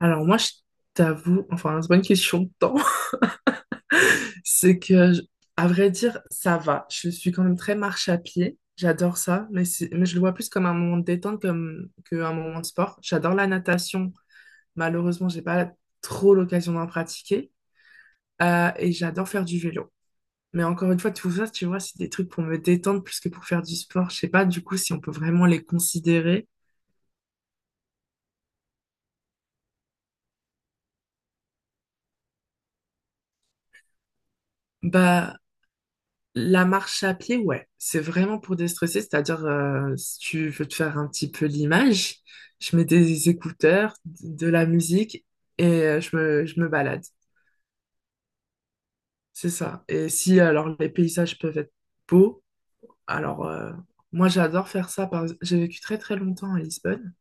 Alors moi, je t'avoue, enfin, c'est pas une question de temps, c'est que, je- à vrai dire, ça va. Je suis quand même très marche à pied. J'adore ça, mais je le vois plus comme un moment de détente comme qu'un moment de sport. J'adore la natation. Malheureusement, j'ai pas trop l'occasion d'en pratiquer. Et j'adore faire du vélo. Mais encore une fois, tout ça, tu vois, c'est des trucs pour me détendre plus que pour faire du sport. Je sais pas, du coup, si on peut vraiment les considérer. Bah, la marche à pied, ouais, c'est vraiment pour déstresser, c'est-à-dire si tu veux te faire un petit peu l'image, je mets des écouteurs, de la musique et je me balade. C'est ça. Et si alors les paysages peuvent être beaux, alors euh, moi j'adore faire ça. Par... J'ai vécu très très longtemps à Lisbonne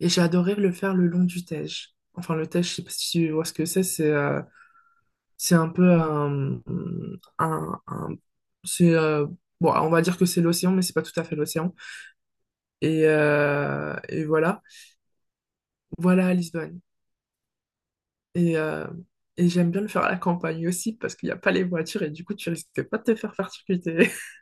et j'ai adoré le faire le long du Tage. Enfin le Tage, je sais pas si tu vois ce que c'est un peu un- c'est bon, on va dire que c'est l'océan, mais c'est pas tout à fait l'océan. Et voilà. Voilà à Lisbonne. Et, euh, et j'aime bien le faire à la campagne aussi parce qu'il n'y a pas les voitures et du coup, tu risques pas de te faire percuter.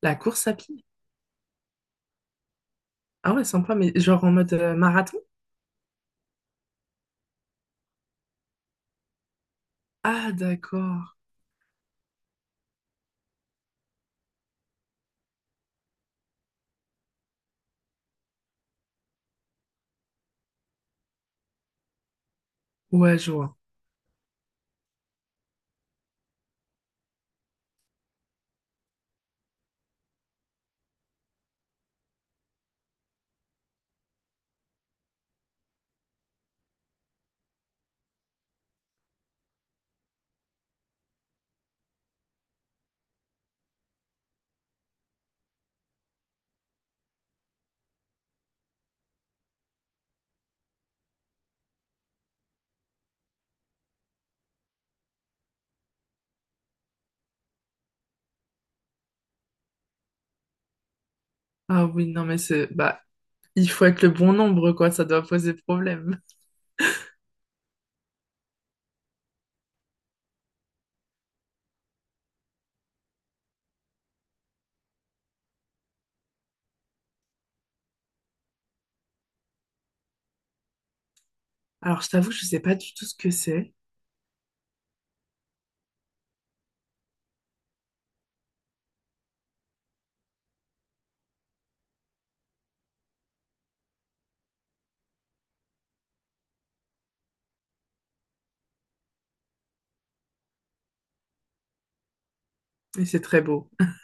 La course à pied. Ah ouais, sympa, mais genre en mode marathon? Ah d'accord. Ouais, je vois. Ah oui, non, mais c'est... Bah, il faut être le bon nombre, quoi. Ça doit poser problème. Alors, je t'avoue, je sais pas du tout ce que c'est. Mais c'est très beau.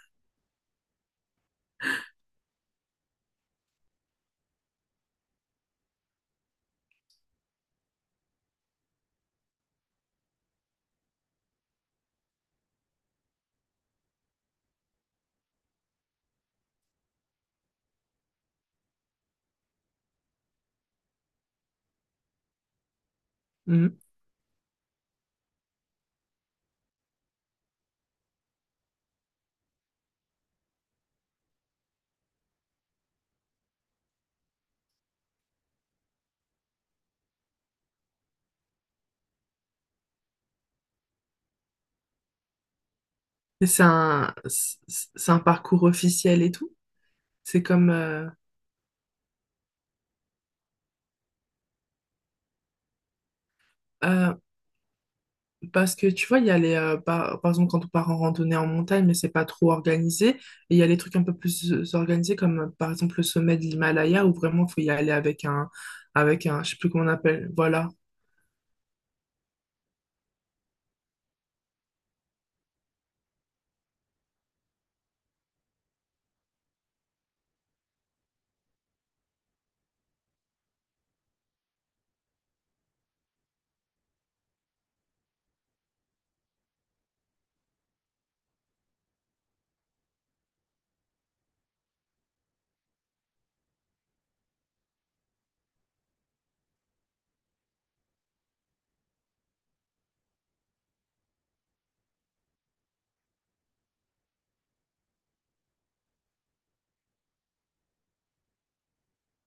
Mhm. Et C'est un, c'est c'est un parcours officiel et tout. C'est comme... euh, euh, Parce que tu vois, il y a les, par exemple, quand on part en randonnée en montagne, mais c'est pas trop organisé. Et il y a les trucs un peu plus organisés, comme par exemple le sommet de l'Himalaya, où vraiment il faut y aller avec un, je sais plus comment on appelle, voilà.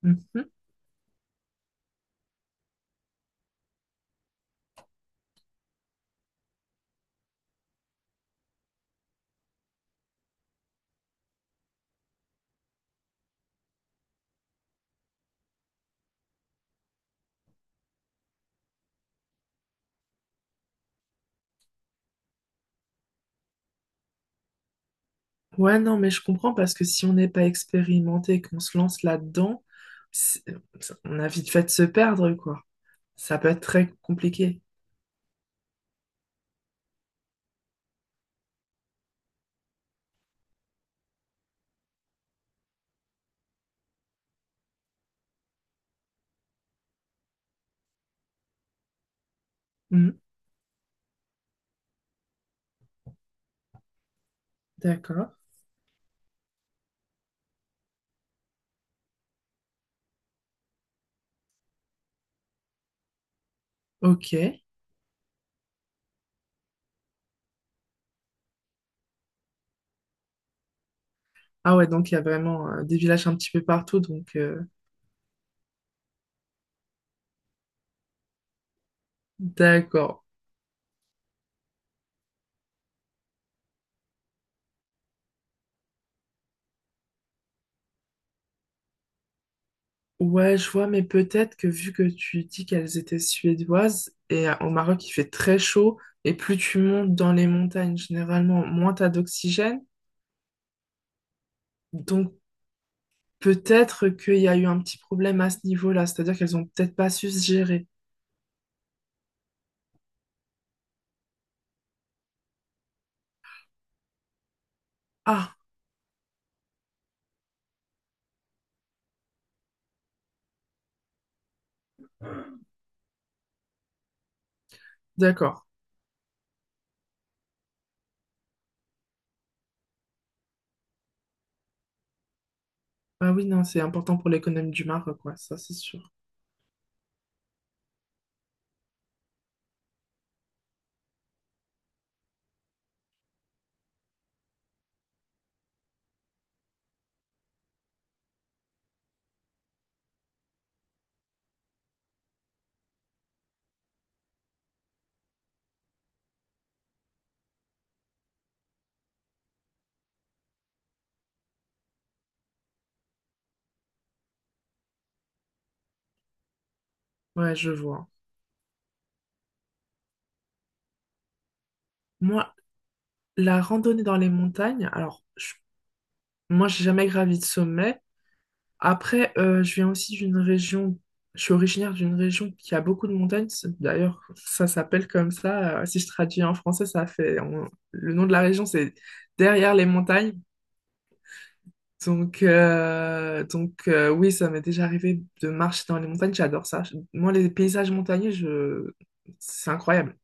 Mhm. Ouais, non, mais je comprends parce que si on n'est pas expérimenté et qu'on se lance là-dedans, c'est- on a vite fait de se perdre, quoi. Ça peut être très compliqué. Mhm. D'accord. Ok. Ah ouais, donc il y a vraiment des villages un petit peu partout, d'accord. Ouais, je vois, mais peut-être que vu que tu dis qu'elles étaient suédoises, et au Maroc, il fait très chaud, et plus tu montes dans les montagnes, généralement, moins t'as d'oxygène. Donc peut-être qu'il y a eu un petit problème à ce niveau-là, c'est-à-dire qu'elles ont peut-être pas su se gérer. Ah, d'accord. Ah oui, non, c'est important pour l'économie du Maroc, quoi, ça c'est sûr. Ouais, je vois. Moi, la randonnée dans les montagnes, moi, j'ai jamais gravi de sommet. Après, je suis originaire d'une région qui a beaucoup de montagnes. D'ailleurs, ça s'appelle comme ça. Si je traduis en français, ça fait, le nom de la région, c'est derrière les montagnes. Donc oui, ça m'est déjà arrivé de marcher dans les montagnes. J'adore ça. Moi, les paysages montagneux, je... c'est incroyable.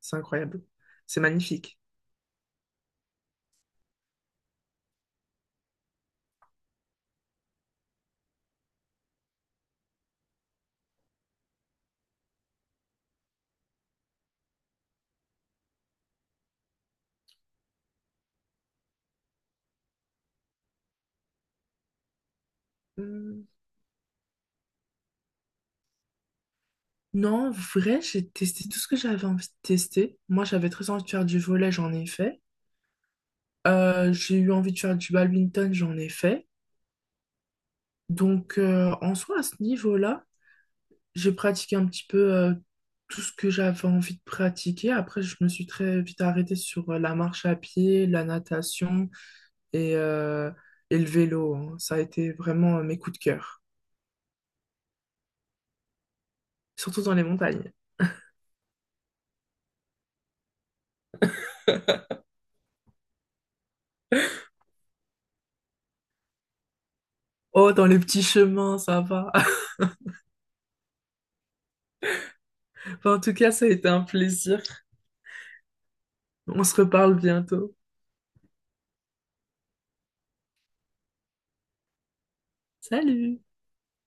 C'est incroyable. C'est magnifique. Hum, Non, en vrai, j'ai testé tout ce que j'avais envie de tester. Moi, j'avais très envie de faire du volet, j'en ai fait. J'ai eu envie de faire du badminton, j'en ai fait. Donc, en soi, à ce niveau-là, j'ai pratiqué un petit peu tout ce que j'avais envie de pratiquer. Après, je me suis très vite arrêtée sur la marche à pied, la natation et, euh, et le vélo, hein. Ça a été vraiment mes coups de cœur, surtout dans les montagnes. Oh, dans les petits chemins, ça va. Enfin, en tout cas, ça a été un plaisir. On se reparle bientôt. Salut!